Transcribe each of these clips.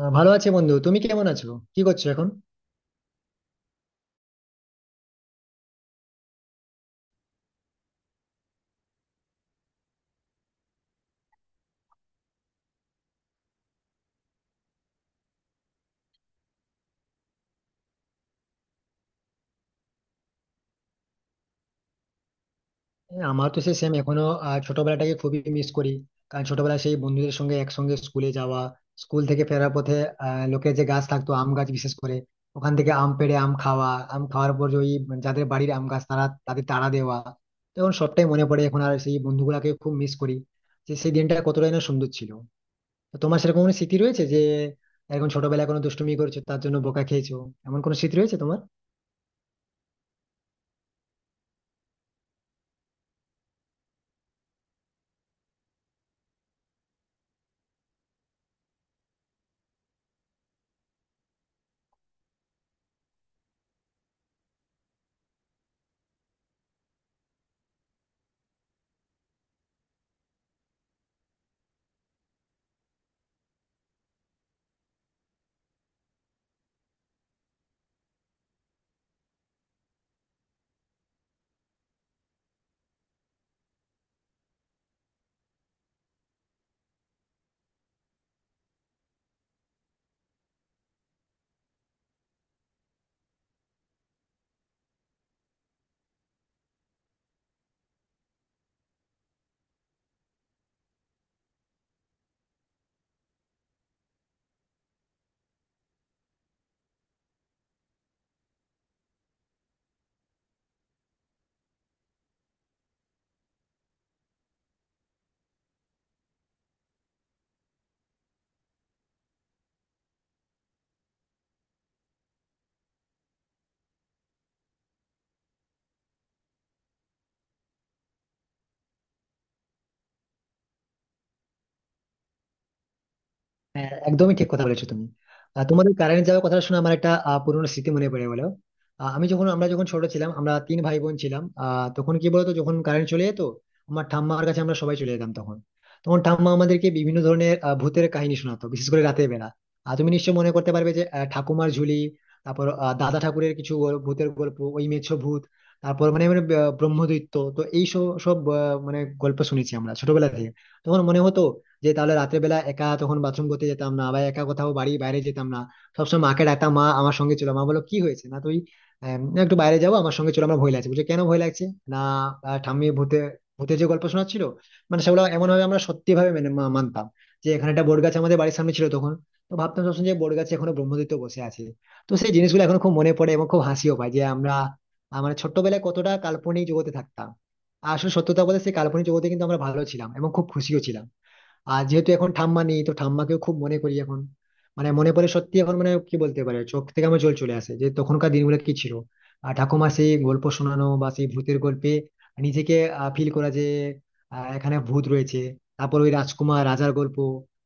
ভালো আছি, বন্ধু। তুমি কেমন আছো? কি করছো এখন? এই, আমার তো সেই সেম এখনো। ছোটবেলাটাকে খুবই মিস করি, কারণ ছোটবেলায় সেই বন্ধুদের সঙ্গে একসঙ্গে স্কুলে যাওয়া, স্কুল থেকে ফেরার পথে লোকের যে গাছ থাকতো, আম গাছ বিশেষ করে, ওখান থেকে আম পেড়ে আম খাওয়া, আম খাওয়ার পর যে ওই যাদের বাড়ির আম গাছ তারা তাদের তাড়া দেওয়া। তখন সবটাই মনে পড়ে। এখন আর সেই বন্ধুগুলাকে খুব মিস করি, যে সেই দিনটা কতটাই না সুন্দর ছিল। তো তোমার সেরকম কোনো স্মৃতি রয়েছে, যে এখন ছোটবেলায় কোনো দুষ্টুমি করেছো, তার জন্য বোকা খেয়েছো, এমন কোনো স্মৃতি রয়েছে তোমার? হ্যাঁ, একদমই ঠিক কথা বলেছো তুমি। আর তোমাদের কারেন্ট যাওয়ার কথা শুনে আমার একটা পুরোনো স্মৃতি মনে পড়ে গেলো। আমি যখন আমরা যখন ছোট ছিলাম, আমরা তিন ভাই বোন ছিলাম, তখন কি বলতো, যখন কারেন্ট চলে যেত আমার ঠাম্মার কাছে আমরা সবাই চলে যেতাম তখন। তখন ঠাম্মা আমাদেরকে বিভিন্ন ধরনের ভূতের কাহিনী শোনাতো, বিশেষ করে রাতের বেলা। আর তুমি নিশ্চয়ই মনে করতে পারবে যে ঠাকুমার ঝুলি, তারপর দাদা ঠাকুরের কিছু ভূতের গল্প, ওই মেছো ভূত, তারপর মানে মানে ব্রহ্মদৈত্য, তো এই সব সব মানে গল্প শুনেছি আমরা ছোটবেলা থেকে। তখন মনে হতো যে তাহলে রাতের বেলা একা তখন বাথরুম করতে যেতাম না, বা একা কোথাও বাড়ি বাইরে যেতাম না। সবসময় মাকে ডাকতাম, মা আমার সঙ্গে চলো, মা বলো কি হয়েছে, না তুই, না, একটু বাইরে যাবো আমার সঙ্গে চলো, আমার ভয় লাগছে। বুঝলি কেন ভয় লাগছে? না, ঠাম্মি ভূতে, ভূতের যে গল্প শোনাচ্ছিল, মানে সেগুলো এমন ভাবে আমরা সত্যি ভাবে মেনে মানতাম, যে এখানে একটা বট গাছ আমাদের বাড়ির সামনে ছিল তখন, তো ভাবতাম সবসময় যে বট গাছে এখনো ব্রহ্মদৈত্য বসে আছে। তো সেই জিনিসগুলো এখন খুব মনে পড়ে এবং খুব হাসিও পায়, যে আমরা, ছোট্টবেলায় কতটা কাল্পনিক জগতে থাকতাম। আর আসলে সত্যতা বলতে সেই কাল্পনিক জগতে কিন্তু আমরা ভালো ছিলাম এবং খুব খুশিও ছিলাম। আর যেহেতু এখন ঠাম্মা নেই, তো ঠাম্মাকেও খুব মনে করি এখন। মানে মনে পড়ে সত্যি এখন, মানে কি বলতে পারে, চোখ থেকে আমার জল চলে আসে, যে তখনকার দিনগুলো কি ছিল। আর ঠাকুমা সেই গল্প শোনানো বা সেই ভূতের গল্পে নিজেকে ফিল করা, যে এখানে ভূত রয়েছে। তারপর ওই রাজকুমার রাজার গল্প,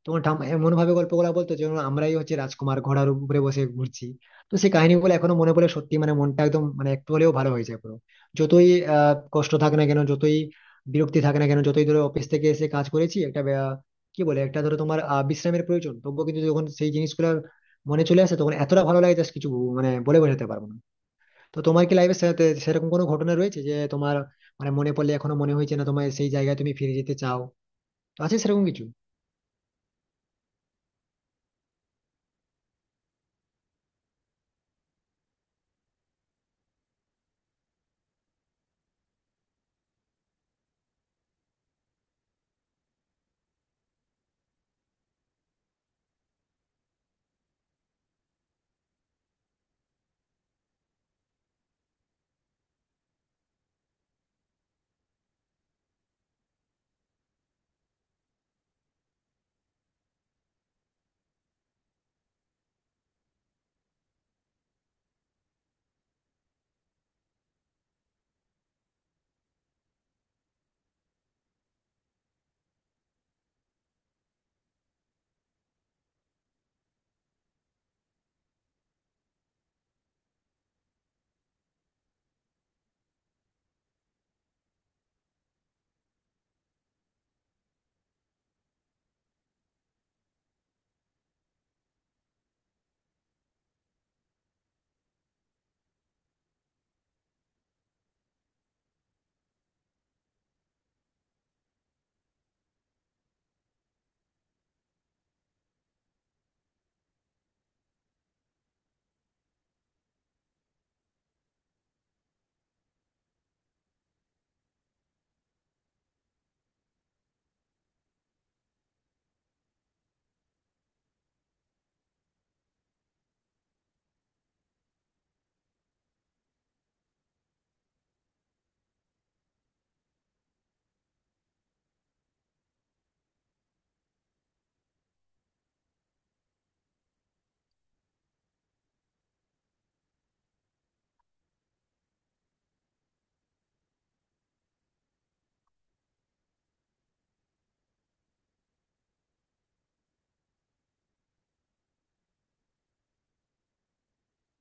তোমার ঠাম্মা এমন ভাবে গল্পগুলো বলতো যেন আমরাই হচ্ছে রাজকুমার ঘোড়ার উপরে বসে ঘুরছি। তো সেই কাহিনীগুলো এখনো মনে পড়ে সত্যি, মানে মনটা একদম, মানে একটু হলেও ভালো হয়ে যায় পুরো। যতই কষ্ট থাক না কেন, যতই বিরক্তি থাকে না কেন, যতই ধরো অফিস থেকে এসে কাজ করেছি একটা, কি বলে, একটা ধরো তোমার বিশ্রামের প্রয়োজন, তবুও কিন্তু যখন সেই জিনিসগুলো মনে চলে আসে তখন এতটা ভালো লাগে জাস্ট, কিছু মানে বলে বোঝাতে পারবো না। তো তোমার কি লাইফে সাথে সেরকম কোনো ঘটনা রয়েছে যে তোমার, মানে মনে পড়লে এখনো মনে হয়েছে না তোমার সেই জায়গায় তুমি ফিরে যেতে চাও, তো আছে সেরকম কিছু?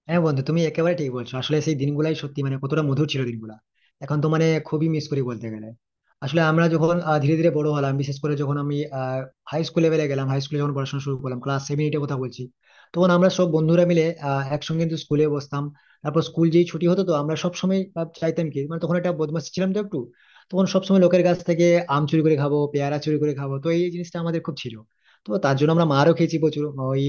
হ্যাঁ, বন্ধু, তুমি একেবারে ঠিক বলছো। আসলে সেই দিনগুলাই সত্যি মানে কতটা মধুর ছিল, দিনগুলা। এখন তো মানে খুবই মিস করি বলতে গেলে। আসলে আমরা যখন ধীরে ধীরে বড় হলাম, বিশেষ করে যখন আমি হাই স্কুল লেভেলে গেলাম, হাই স্কুলে যখন পড়াশোনা শুরু করলাম, ক্লাস সেভেন এইটের কথা বলছি, তখন আমরা সব বন্ধুরা মিলে একসঙ্গে কিন্তু স্কুলে বসতাম। তারপর স্কুল যেই ছুটি হতো তো আমরা সব সময় চাইতাম কি, মানে তখন একটা বদমাশ ছিলাম তো একটু, তখন সবসময় লোকের কাছ থেকে আম চুরি করে খাবো, পেয়ারা চুরি করে খাবো, তো এই জিনিসটা আমাদের খুব ছিল। তো তার জন্য আমরা মারও খেয়েছি প্রচুর। ওই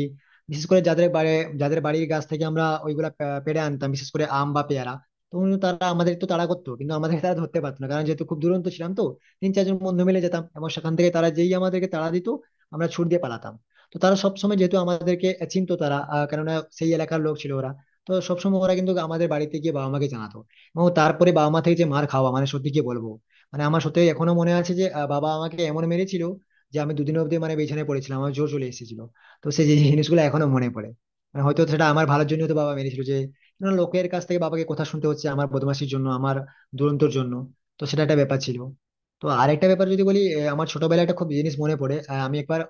বিশেষ করে যাদের বাড়ির গাছ থেকে আমরা ওইগুলা পেড়ে আনতাম, বিশেষ করে আম বা পেয়ারা। তো তারা আমাদের তো তাড়া করতো, কিন্তু আমাদের তারা ধরতে পারতো না, কারণ যেহেতু খুব দুরন্ত ছিলাম তো। তিন চারজন বন্ধু মিলে যেতাম, এবং সেখান থেকে তারা যেই আমাদেরকে তাড়া দিত, আমরা ছুট দিয়ে পালাতাম। তো তারা সবসময় যেহেতু আমাদেরকে চিনতো, তারা কেননা সেই এলাকার লোক ছিল ওরা, তো সবসময় ওরা কিন্তু আমাদের বাড়িতে গিয়ে বাবা মাকে জানাতো। এবং তারপরে বাবা মা থেকে যে মার খাওয়া, মানে সত্যি কি বলবো। মানে আমার সত্যি এখনো মনে আছে যে বাবা আমাকে এমন মেরেছিল যে আমি 2 দিন অবধি মানে বিছানায় পড়েছিলাম, আমার জ্বর চলে এসেছিল। তো সেই যে জিনিসগুলো এখনো মনে পড়ে, মানে হয়তো সেটা আমার ভালোর জন্য তো বাবা মেরেছিল, যে না, লোকের কাছ থেকে বাবাকে কথা শুনতে হচ্ছে আমার বদমাশির জন্য, আমার দুরন্তর জন্য, তো সেটা একটা ব্যাপার ছিল। তো আরেকটা ব্যাপার যদি বলি, আমার ছোটবেলায় একটা খুব জিনিস মনে পড়ে, আমি একবার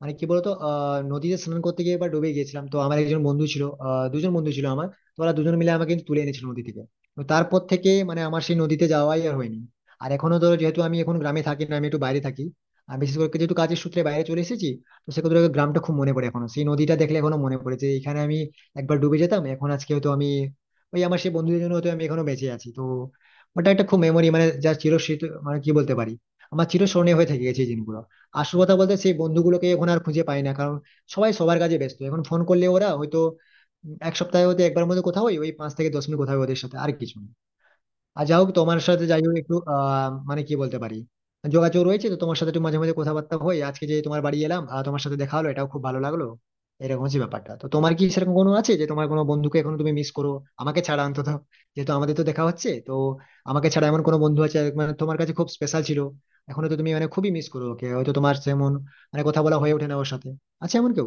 মানে কি বলতো, নদীতে স্নান করতে গিয়ে একবার ডুবে গিয়েছিলাম। তো আমার একজন বন্ধু ছিল, দুজন বন্ধু ছিল আমার। তো ওরা দুজন মিলে আমাকে কিন্তু তুলে এনেছিল নদী থেকে। তো তারপর থেকে মানে আমার সেই নদীতে যাওয়াই আর হয়নি। আর এখনো ধরো, যেহেতু আমি এখন গ্রামে থাকি না, আমি একটু বাইরে থাকি, আর বিশেষ করে যেহেতু কাজের সূত্রে বাইরে চলে এসেছি, তো সেক্ষেত্রে ওই গ্রামটা খুব মনে পড়ে এখনো। সেই নদীটা দেখলে এখনো মনে পড়ে যে এখানে আমি একবার ডুবে যেতাম। এখন আজকে হয়তো আমি, ওই আমার সেই বন্ধুদের জন্য হয়তো আমি এখনো বেঁচে আছি, তো ওটা একটা খুব মেমোরি, মানে যা চিরস্মৃত, মানে কি বলতে পারি, আমার চিরস্মরণীয় হয়ে থেকে গেছে এই দিনগুলো। আসল কথা বলতে সেই বন্ধুগুলোকে এখন আর খুঁজে পাই না, কারণ সবাই সবার কাজে ব্যস্ত। এখন ফোন করলে ওরা হয়তো এক সপ্তাহে হয়তো একবার মধ্যে কোথাও ওই 5 থেকে 10 মিনিট কথা হয় ওদের সাথে, আর কিছু না। আর যা হোক, তোমার সাথে যাই হোক একটু মানে কি বলতে পারি, যোগাযোগ রয়েছে তো তোমার সাথে, একটু মাঝে মাঝে কথাবার্তা হয়। আজকে যে তোমার বাড়ি এলাম, তোমার সাথে দেখা হলো, এটাও খুব ভালো লাগলো। এরকম হচ্ছে ব্যাপারটা। তো তোমার কি সেরকম কোনো আছে, যে তোমার কোনো বন্ধুকে এখন তুমি মিস করো, আমাকে ছাড়া অন্তত, যেহেতু আমাদের তো দেখা হচ্ছে তো। আমাকে ছাড়া এমন কোনো বন্ধু আছে মানে তোমার কাছে খুব স্পেশাল ছিল, এখনো তো তুমি মানে খুবই মিস করো ওকে, হয়তো তোমার যেমন মানে কথা বলা হয়ে ওঠে না ওর সাথে, আছে এমন কেউ?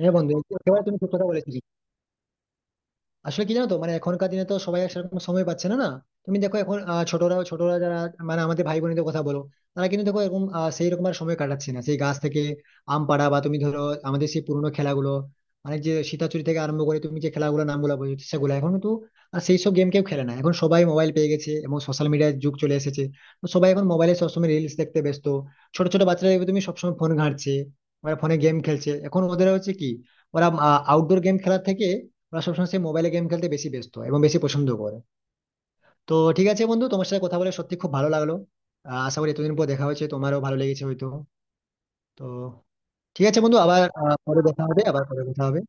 হ্যাঁ, বন্ধু, একেবারে তুমি ঠিক কথা বলেছিলে। আসলে কি জানো তো, মানে এখনকার দিনে তো সবাই আর সেরকম সময় পাচ্ছে না, না? তুমি দেখো এখন ছোটরা ছোটরা যারা মানে আমাদের ভাই বোনেদের কথা বলো, তারা কিন্তু দেখো এরকম সেই রকম আর সময় কাটাচ্ছে না। সেই গাছ থেকে আম পাড়া, বা তুমি ধরো আমাদের সেই পুরোনো খেলাগুলো, মানে যে সীতাচুরি থেকে আরম্ভ করে তুমি যে খেলাগুলো নামগুলো বলছো, সেগুলো এখন কিন্তু আর সেই সব গেম কেউ খেলে না। এখন সবাই মোবাইল পেয়ে গেছে এবং সোশ্যাল মিডিয়ার যুগ চলে এসেছে। তো সবাই এখন মোবাইলে সবসময় রিলস দেখতে ব্যস্ত। ছোট ছোট বাচ্চারা দেখবে তুমি সবসময় ফোন ঘাঁটছে, ওরা ফোনে গেম খেলছে। এখন ওদের হচ্ছে কি, ওরা আউটডোর গেম খেলার থেকে ওরা সবসময় সেই মোবাইলে গেম খেলতে বেশি ব্যস্ত এবং বেশি পছন্দ করে। তো ঠিক আছে, বন্ধু, তোমার সাথে কথা বলে সত্যি খুব ভালো লাগলো। আশা করি এতদিন পর দেখা হয়েছে, তোমারও ভালো লেগেছে হয়তো। তো ঠিক আছে, বন্ধু, আবার পরে দেখা হবে, আবার পরে কথা হবে।